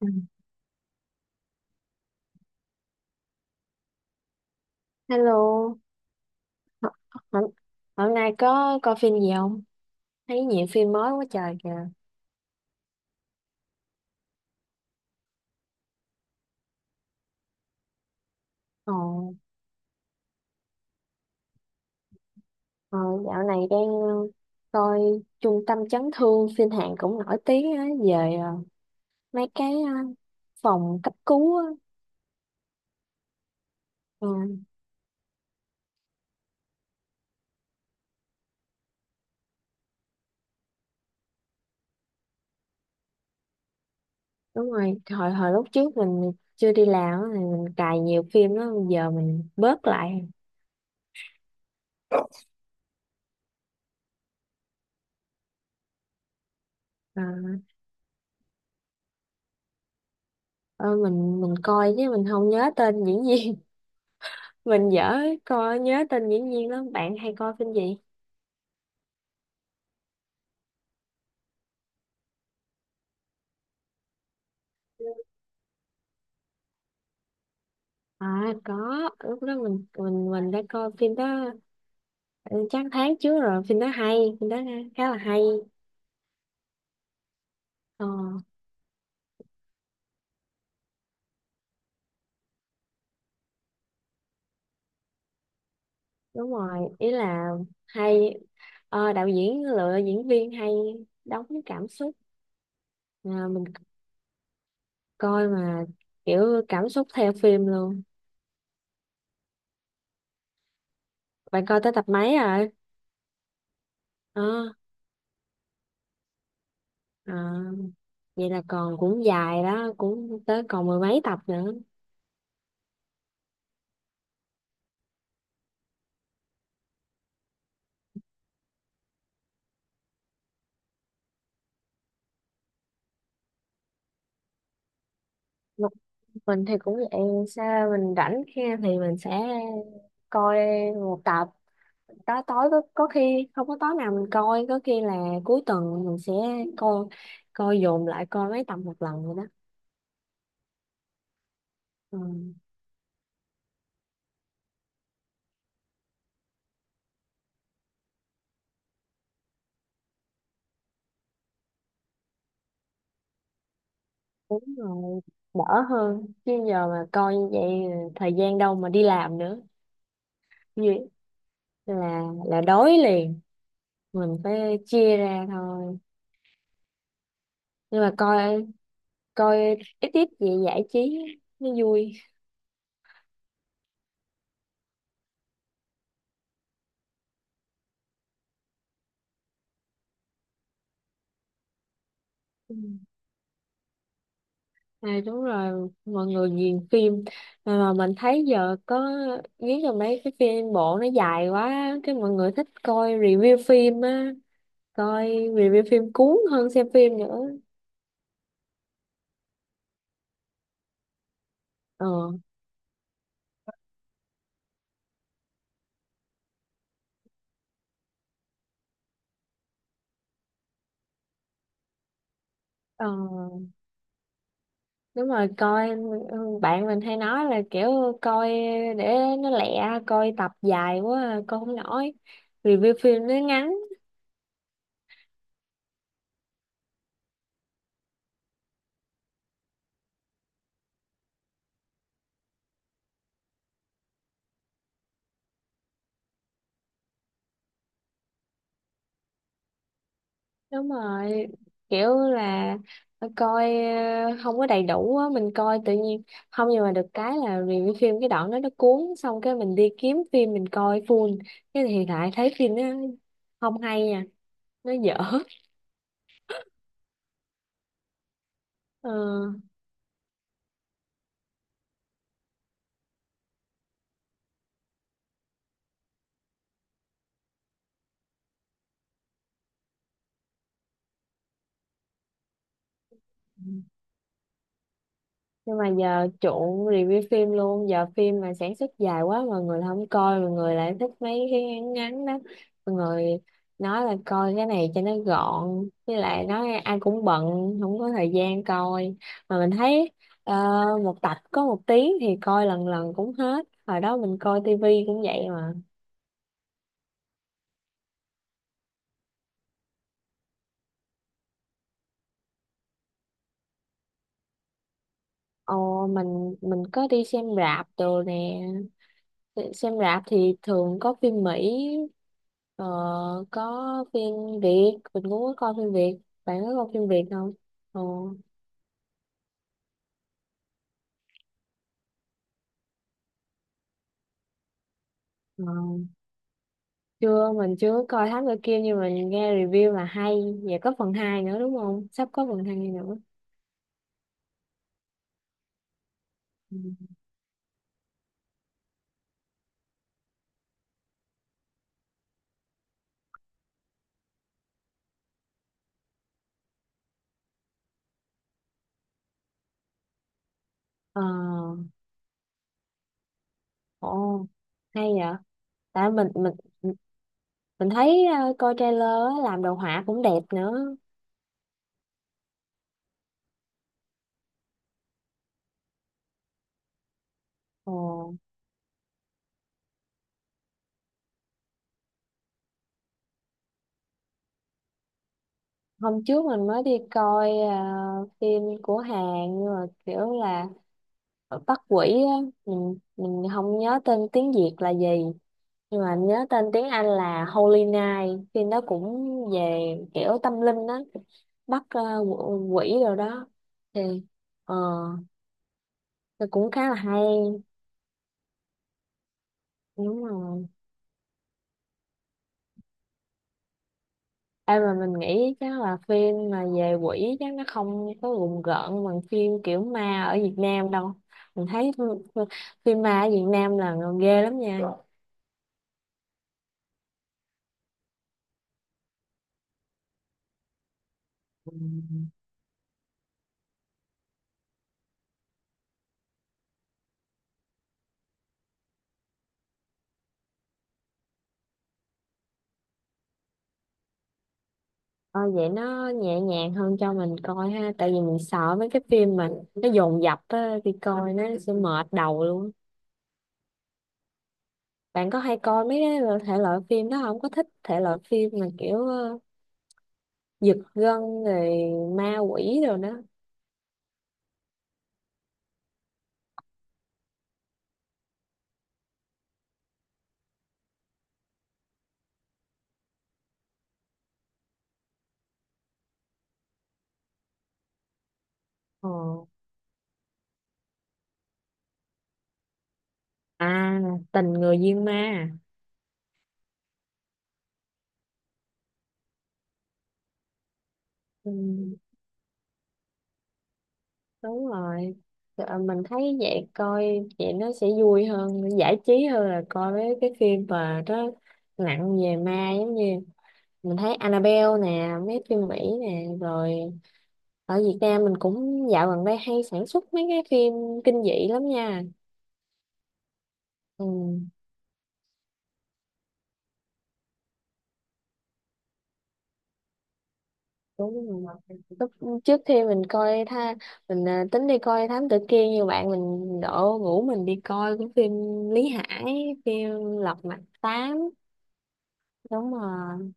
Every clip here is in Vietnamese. Ừ. Hello, H- hôm, hôm nay có coi phim gì không? Thấy nhiều phim mới quá trời kìa. Ồ, ờ, dạo này đang coi Trung tâm chấn thương, phim Hàn cũng nổi tiếng á, về mấy cái phòng cấp cứu á. Ờ, đúng rồi, hồi hồi lúc trước mình chưa đi làm á, thì mình cài nhiều phim đó, bây giờ mình bớt lại. Ờ, ờ, mình coi chứ mình không nhớ tên diễn viên. Mình dở coi nhớ tên diễn viên lắm. Bạn hay coi phim gì? À có, lúc đó mình đã coi phim đó, ừ, chắc tháng trước rồi, phim đó hay, phim đó khá là hay. Ờ, đúng rồi, ý là hay, đạo diễn lựa diễn viên hay đóng với cảm xúc. À, mình coi mà kiểu cảm xúc theo phim luôn. Bạn coi tới tập mấy rồi? Ờ, à, vậy là còn cũng dài đó, cũng tới còn mười mấy tập nữa. Một mình thì cũng vậy, sao mình rảnh khi thì mình sẽ coi một tập, tối tối có khi không có tối nào mình coi, có khi là cuối tuần mình sẽ coi coi dồn lại coi mấy tập một lần rồi đó. Ừ, đúng rồi, đỡ hơn chứ giờ mà coi như vậy thời gian đâu mà đi làm nữa. Vì- là đói liền, mình phải chia ra thôi. Nhưng mà coi coi ít ít vậy giải trí nó vui. Ừ. À, đúng rồi, mọi người ghiền phim, mà mình thấy giờ có, nghĩ là mấy cái phim bộ nó dài quá cái mọi người thích coi review phim á, coi review phim cuốn hơn xem phim nữa. Ờ ờ đúng rồi, coi, ừ, bạn mình hay nói là kiểu coi để nó lẹ, coi tập dài quá à, coi không nổi, review phim nó ngắn. Đúng rồi, kiểu là coi không có đầy đủ á, mình coi tự nhiên không, nhưng mà được cái là review phim cái đoạn đó nó cuốn, xong cái mình đi kiếm phim mình coi full, cái thì lại thấy phim nó không hay nha, nó dở. Ờ. Nhưng mà giờ chuộng review phim luôn, giờ phim mà sản xuất dài quá mọi người không coi, mọi người lại thích mấy cái ngắn ngắn đó, mọi người nói là coi cái này cho nó gọn, với lại nói ai cũng bận, không có thời gian coi, mà mình thấy ờ, một tập có 1 tiếng thì coi lần lần cũng hết, hồi đó mình coi tivi cũng vậy mà. Ồ, mình có đi xem rạp đồ nè, xem rạp thì thường có phim Mỹ, ờ, có phim Việt, mình cũng có coi phim Việt, bạn có coi phim Việt không? Ờ, ờ, chưa, mình chưa có coi Thám Tử Kiên, nhưng mà mình nghe review là hay, và có phần 2 nữa đúng không, sắp có phần 2 nữa. Ừ. ờ ồ, hay vậy, tại mình thấy coi trailer á, làm đồ họa cũng đẹp nữa. Ồ, hôm trước mình mới đi coi phim của Hàn, nhưng mà kiểu là ở Bắc Quỷ á, mình không nhớ tên tiếng Việt là gì, nhưng mà nhớ tên tiếng Anh là Holy Night, phim đó cũng về kiểu tâm linh đó, bắt quỷ rồi đó, thì, ờ thì cũng khá là hay. Đúng rồi, mà mình nghĩ chắc là phim mà về quỷ chắc nó không có rùng rợn bằng phim kiểu ma ở Việt Nam đâu, mình thấy phim phim ma ở Việt Nam là ghê lắm nha. Ờ, vậy nó nhẹ nhàng hơn cho mình coi ha, tại vì mình sợ mấy cái phim mà nó dồn dập á, đi coi nó sẽ mệt đầu luôn. Bạn có hay coi mấy cái thể loại phim đó không, có thích thể loại phim mà kiểu giật gân rồi ma quỷ rồi đó. Ờ. À, tình người duyên ma, ừ, đúng rồi. Ờ, mình thấy vậy, coi vậy nó sẽ vui hơn giải trí hơn là coi mấy cái phim mà nó nặng về ma, giống như mình thấy Annabelle nè, mấy phim Mỹ nè rồi, ở Việt Nam mình cũng dạo gần đây hay sản xuất mấy cái phim kinh dị lắm nha. Ừ, đúng rồi. Lúc trước khi mình coi mình, tính đi coi Thám Tử Kiên như bạn mình đổ ngủ, mình đi coi cái phim Lý Hải, phim Lật Mặt 8. Đúng rồi,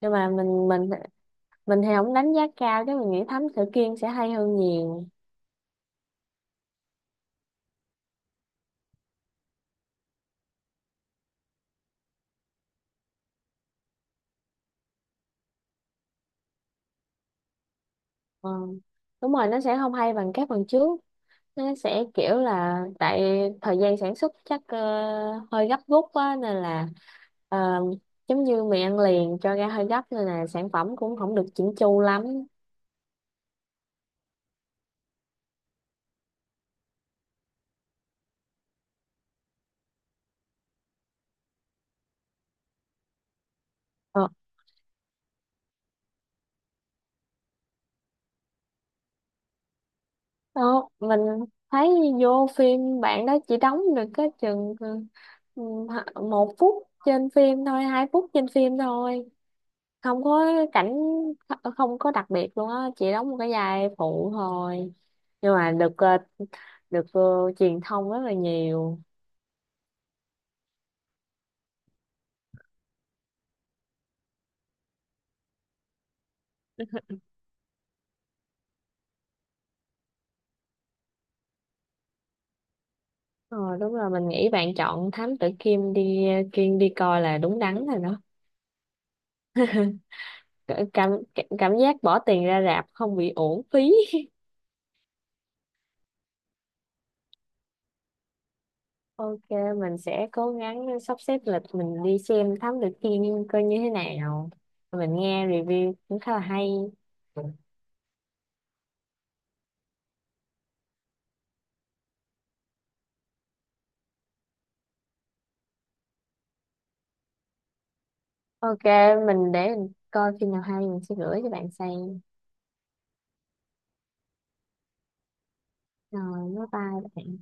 nhưng mà mình thì không đánh giá cao, chứ mình nghĩ Thám Tử Kiên sẽ hay hơn nhiều. Ờ, đúng rồi, nó sẽ không hay bằng các phần trước, nó sẽ kiểu là tại thời gian sản xuất chắc hơi gấp rút quá, nên là ờ, giống như mì ăn liền cho ra hơi gấp, nên là sản phẩm cũng không được chỉnh chu lắm. Ờ, đó, mình thấy vô phim bạn đó chỉ đóng được cái chừng, ừ, 1 phút trên phim thôi, 2 phút trên phim thôi, không có cảnh, không có đặc biệt luôn á, chỉ đóng một cái vai phụ thôi, nhưng mà được truyền thông rất là nhiều. Ờ, đúng rồi, mình nghĩ bạn chọn Thám Tử Kiên đi, Kiên đi coi là đúng đắn rồi đó. Cả- cảm cảm giác bỏ tiền ra rạp không bị uổng phí. Ok, mình sẽ cố gắng sắp xếp lịch mình đi xem Thám Tử Kiên coi như thế nào, mình nghe review cũng khá là hay. Ok, mình để mình coi phim nào hay mình sẽ gửi cho bạn xem. Rồi bye bye bạn.